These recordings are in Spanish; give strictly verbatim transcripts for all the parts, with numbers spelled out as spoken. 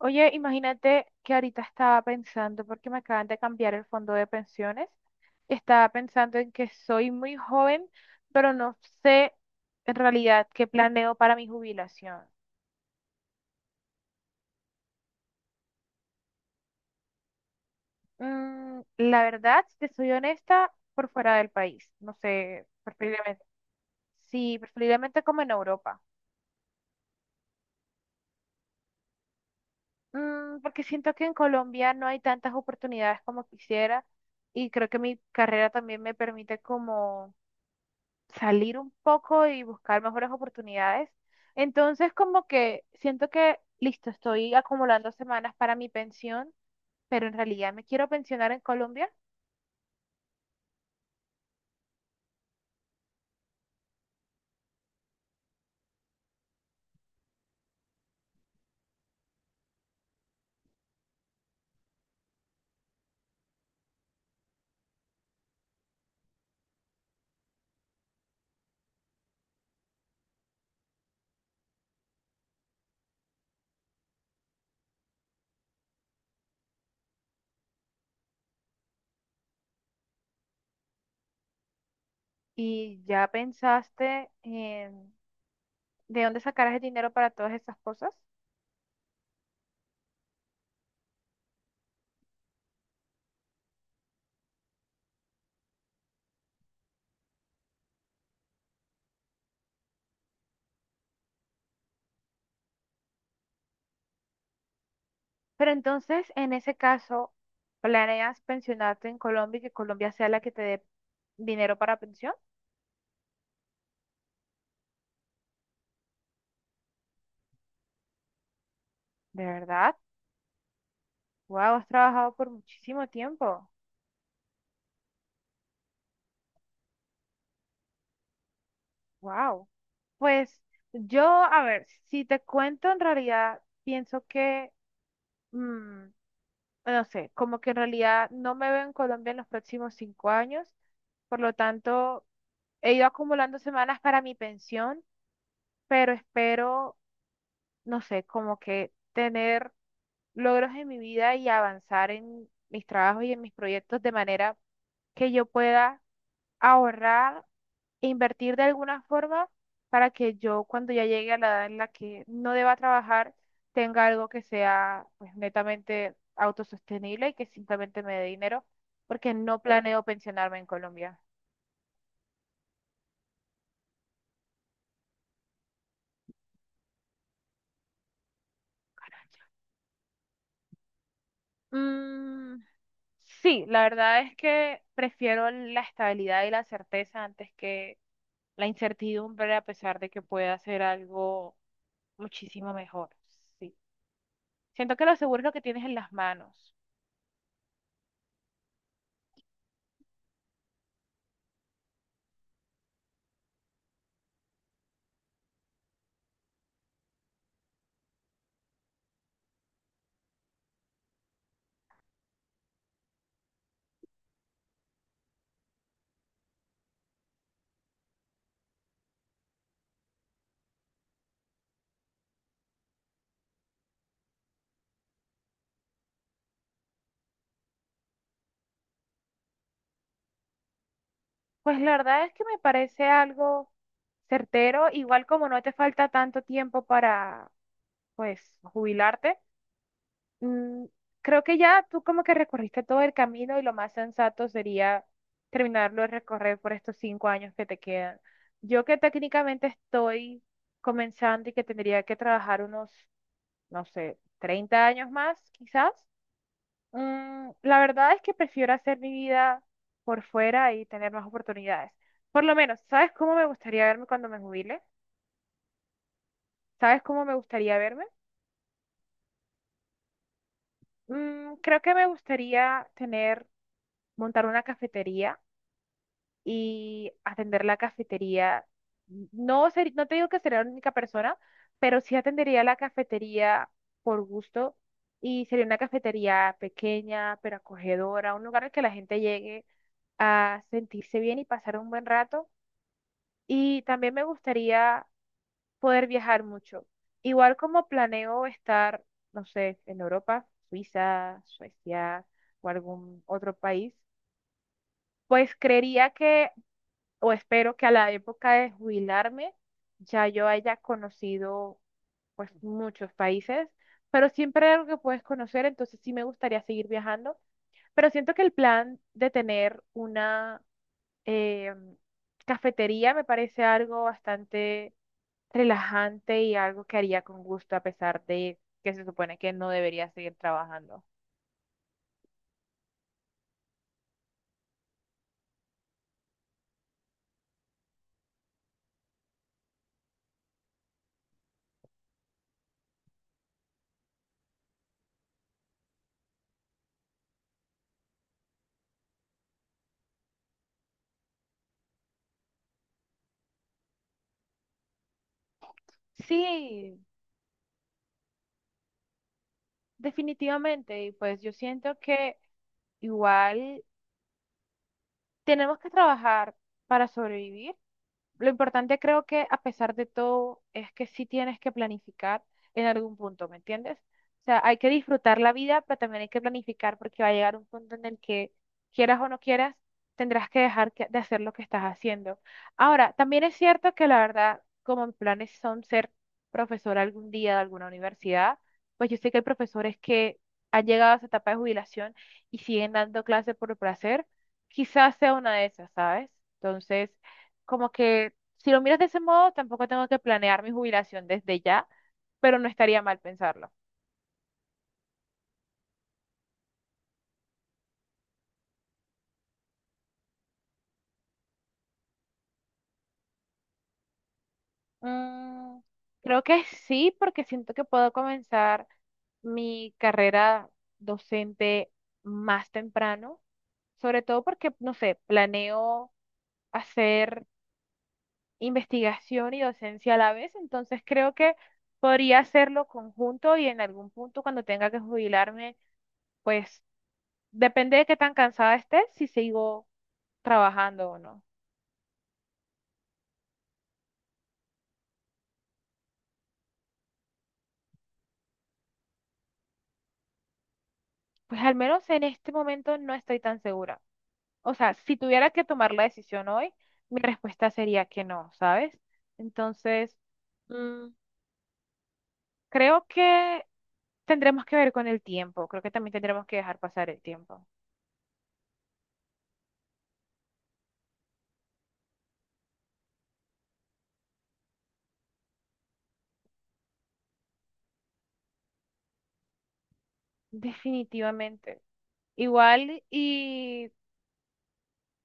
Oye, imagínate que ahorita estaba pensando, porque me acaban de cambiar el fondo de pensiones, y estaba pensando en que soy muy joven, pero no sé en realidad qué planeo para mi jubilación. Mm, la verdad, si te soy honesta, por fuera del país, no sé, preferiblemente. Sí, preferiblemente como en Europa. Mm, porque siento que en Colombia no hay tantas oportunidades como quisiera, y creo que mi carrera también me permite como salir un poco y buscar mejores oportunidades. Entonces, como que siento que, listo, estoy acumulando semanas para mi pensión, pero en realidad me quiero pensionar en Colombia y ya pensaste en de dónde sacarás el dinero para todas esas cosas. Pero entonces, en ese caso, ¿planeas pensionarte en Colombia y que Colombia sea la que te dé dinero para pensión? ¿De verdad? Wow, has trabajado por muchísimo tiempo. Wow. Pues yo, a ver, si te cuento, en realidad pienso que, mm, no sé, como que en realidad no me veo en Colombia en los próximos cinco años. Por lo tanto, he ido acumulando semanas para mi pensión, pero espero, no sé, como que tener logros en mi vida y avanzar en mis trabajos y en mis proyectos de manera que yo pueda ahorrar e invertir de alguna forma para que yo cuando ya llegue a la edad en la que no deba trabajar, tenga algo que sea pues netamente autosostenible y que simplemente me dé dinero, porque no planeo pensionarme en Colombia. Mm, sí, la verdad es que prefiero la estabilidad y la certeza antes que la incertidumbre, a pesar de que pueda ser algo muchísimo mejor. Sí. Siento que lo seguro es lo que tienes en las manos. Pues la verdad es que me parece algo certero, igual como no te falta tanto tiempo para, pues, jubilarte, mm, creo que ya tú como que recorriste todo el camino y lo más sensato sería terminarlo de recorrer por estos cinco años que te quedan. Yo que técnicamente estoy comenzando y que tendría que trabajar unos, no sé, treinta años más, quizás. Mm, la verdad es que prefiero hacer mi vida por fuera y tener más oportunidades. Por lo menos, ¿sabes cómo me gustaría verme cuando me jubile? ¿Sabes cómo me gustaría verme? Mm, creo que me gustaría tener, montar una cafetería y atender la cafetería. No ser, no te digo que sería la única persona, pero sí atendería la cafetería por gusto y sería una cafetería pequeña, pero acogedora, un lugar al que la gente llegue a sentirse bien y pasar un buen rato. Y también me gustaría poder viajar mucho. Igual como planeo estar, no sé, en Europa, Suiza, Suecia o algún otro país, pues creería que, o espero que a la época de jubilarme ya yo haya conocido pues muchos países, pero siempre hay algo que puedes conocer, entonces sí me gustaría seguir viajando. Pero siento que el plan de tener una eh, cafetería me parece algo bastante relajante y algo que haría con gusto a pesar de que se supone que no debería seguir trabajando. Sí, definitivamente. Y pues yo siento que igual tenemos que trabajar para sobrevivir. Lo importante creo que a pesar de todo es que sí tienes que planificar en algún punto, ¿me entiendes? O sea, hay que disfrutar la vida, pero también hay que planificar porque va a llegar un punto en el que quieras o no quieras, tendrás que dejar que- de hacer lo que estás haciendo. Ahora, también es cierto que la verdad, como mis planes son ser profesora algún día de alguna universidad, pues yo sé que hay profesores que han llegado a su etapa de jubilación y siguen dando clases por placer, quizás sea una de esas, ¿sabes? Entonces como que si lo miras de ese modo, tampoco tengo que planear mi jubilación desde ya, pero no estaría mal pensarlo. Mm, Creo que sí, porque siento que puedo comenzar mi carrera docente más temprano, sobre todo porque, no sé, planeo hacer investigación y docencia a la vez, entonces creo que podría hacerlo conjunto y en algún punto cuando tenga que jubilarme, pues depende de qué tan cansada esté, si sigo trabajando o no. Pues al menos en este momento no estoy tan segura. O sea, si tuviera que tomar la decisión hoy, mi respuesta sería que no, ¿sabes? Entonces, mm, creo que tendremos que ver con el tiempo. Creo que también tendremos que dejar pasar el tiempo. Definitivamente. Igual y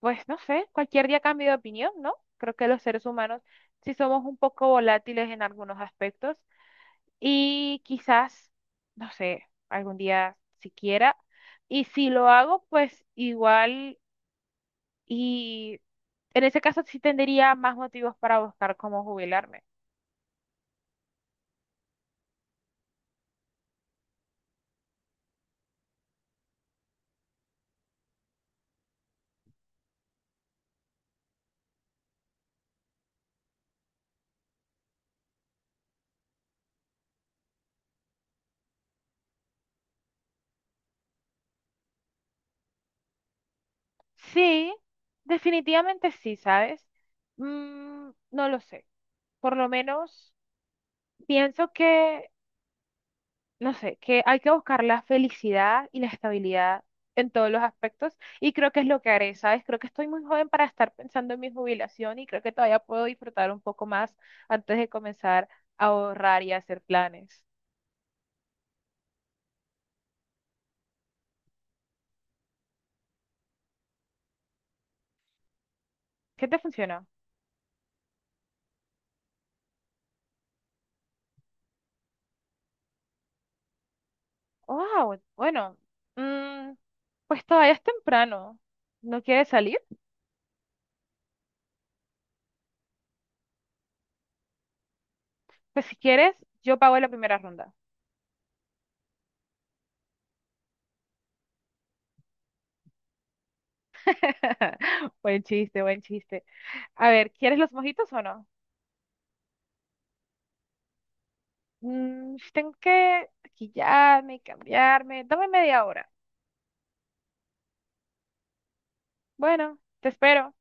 pues no sé, cualquier día cambio de opinión, ¿no? Creo que los seres humanos sí somos un poco volátiles en algunos aspectos. Y quizás, no sé, algún día siquiera. Y si lo hago, pues igual, y en ese caso sí tendría más motivos para buscar cómo jubilarme. Sí, definitivamente sí, ¿sabes? Mm, no lo sé. Por lo menos pienso que no sé, que hay que buscar la felicidad y la estabilidad en todos los aspectos y creo que es lo que haré, ¿sabes? Creo que estoy muy joven para estar pensando en mi jubilación y creo que todavía puedo disfrutar un poco más antes de comenzar a ahorrar y a hacer planes. ¿Qué te funcionó? Wow, bueno, mm, pues todavía es temprano. ¿No quieres salir? Pues si quieres, yo pago la primera ronda. Buen chiste, buen chiste. A ver, ¿quieres los mojitos o no? Mm, tengo que maquillarme y cambiarme. Dame media hora. Bueno, te espero.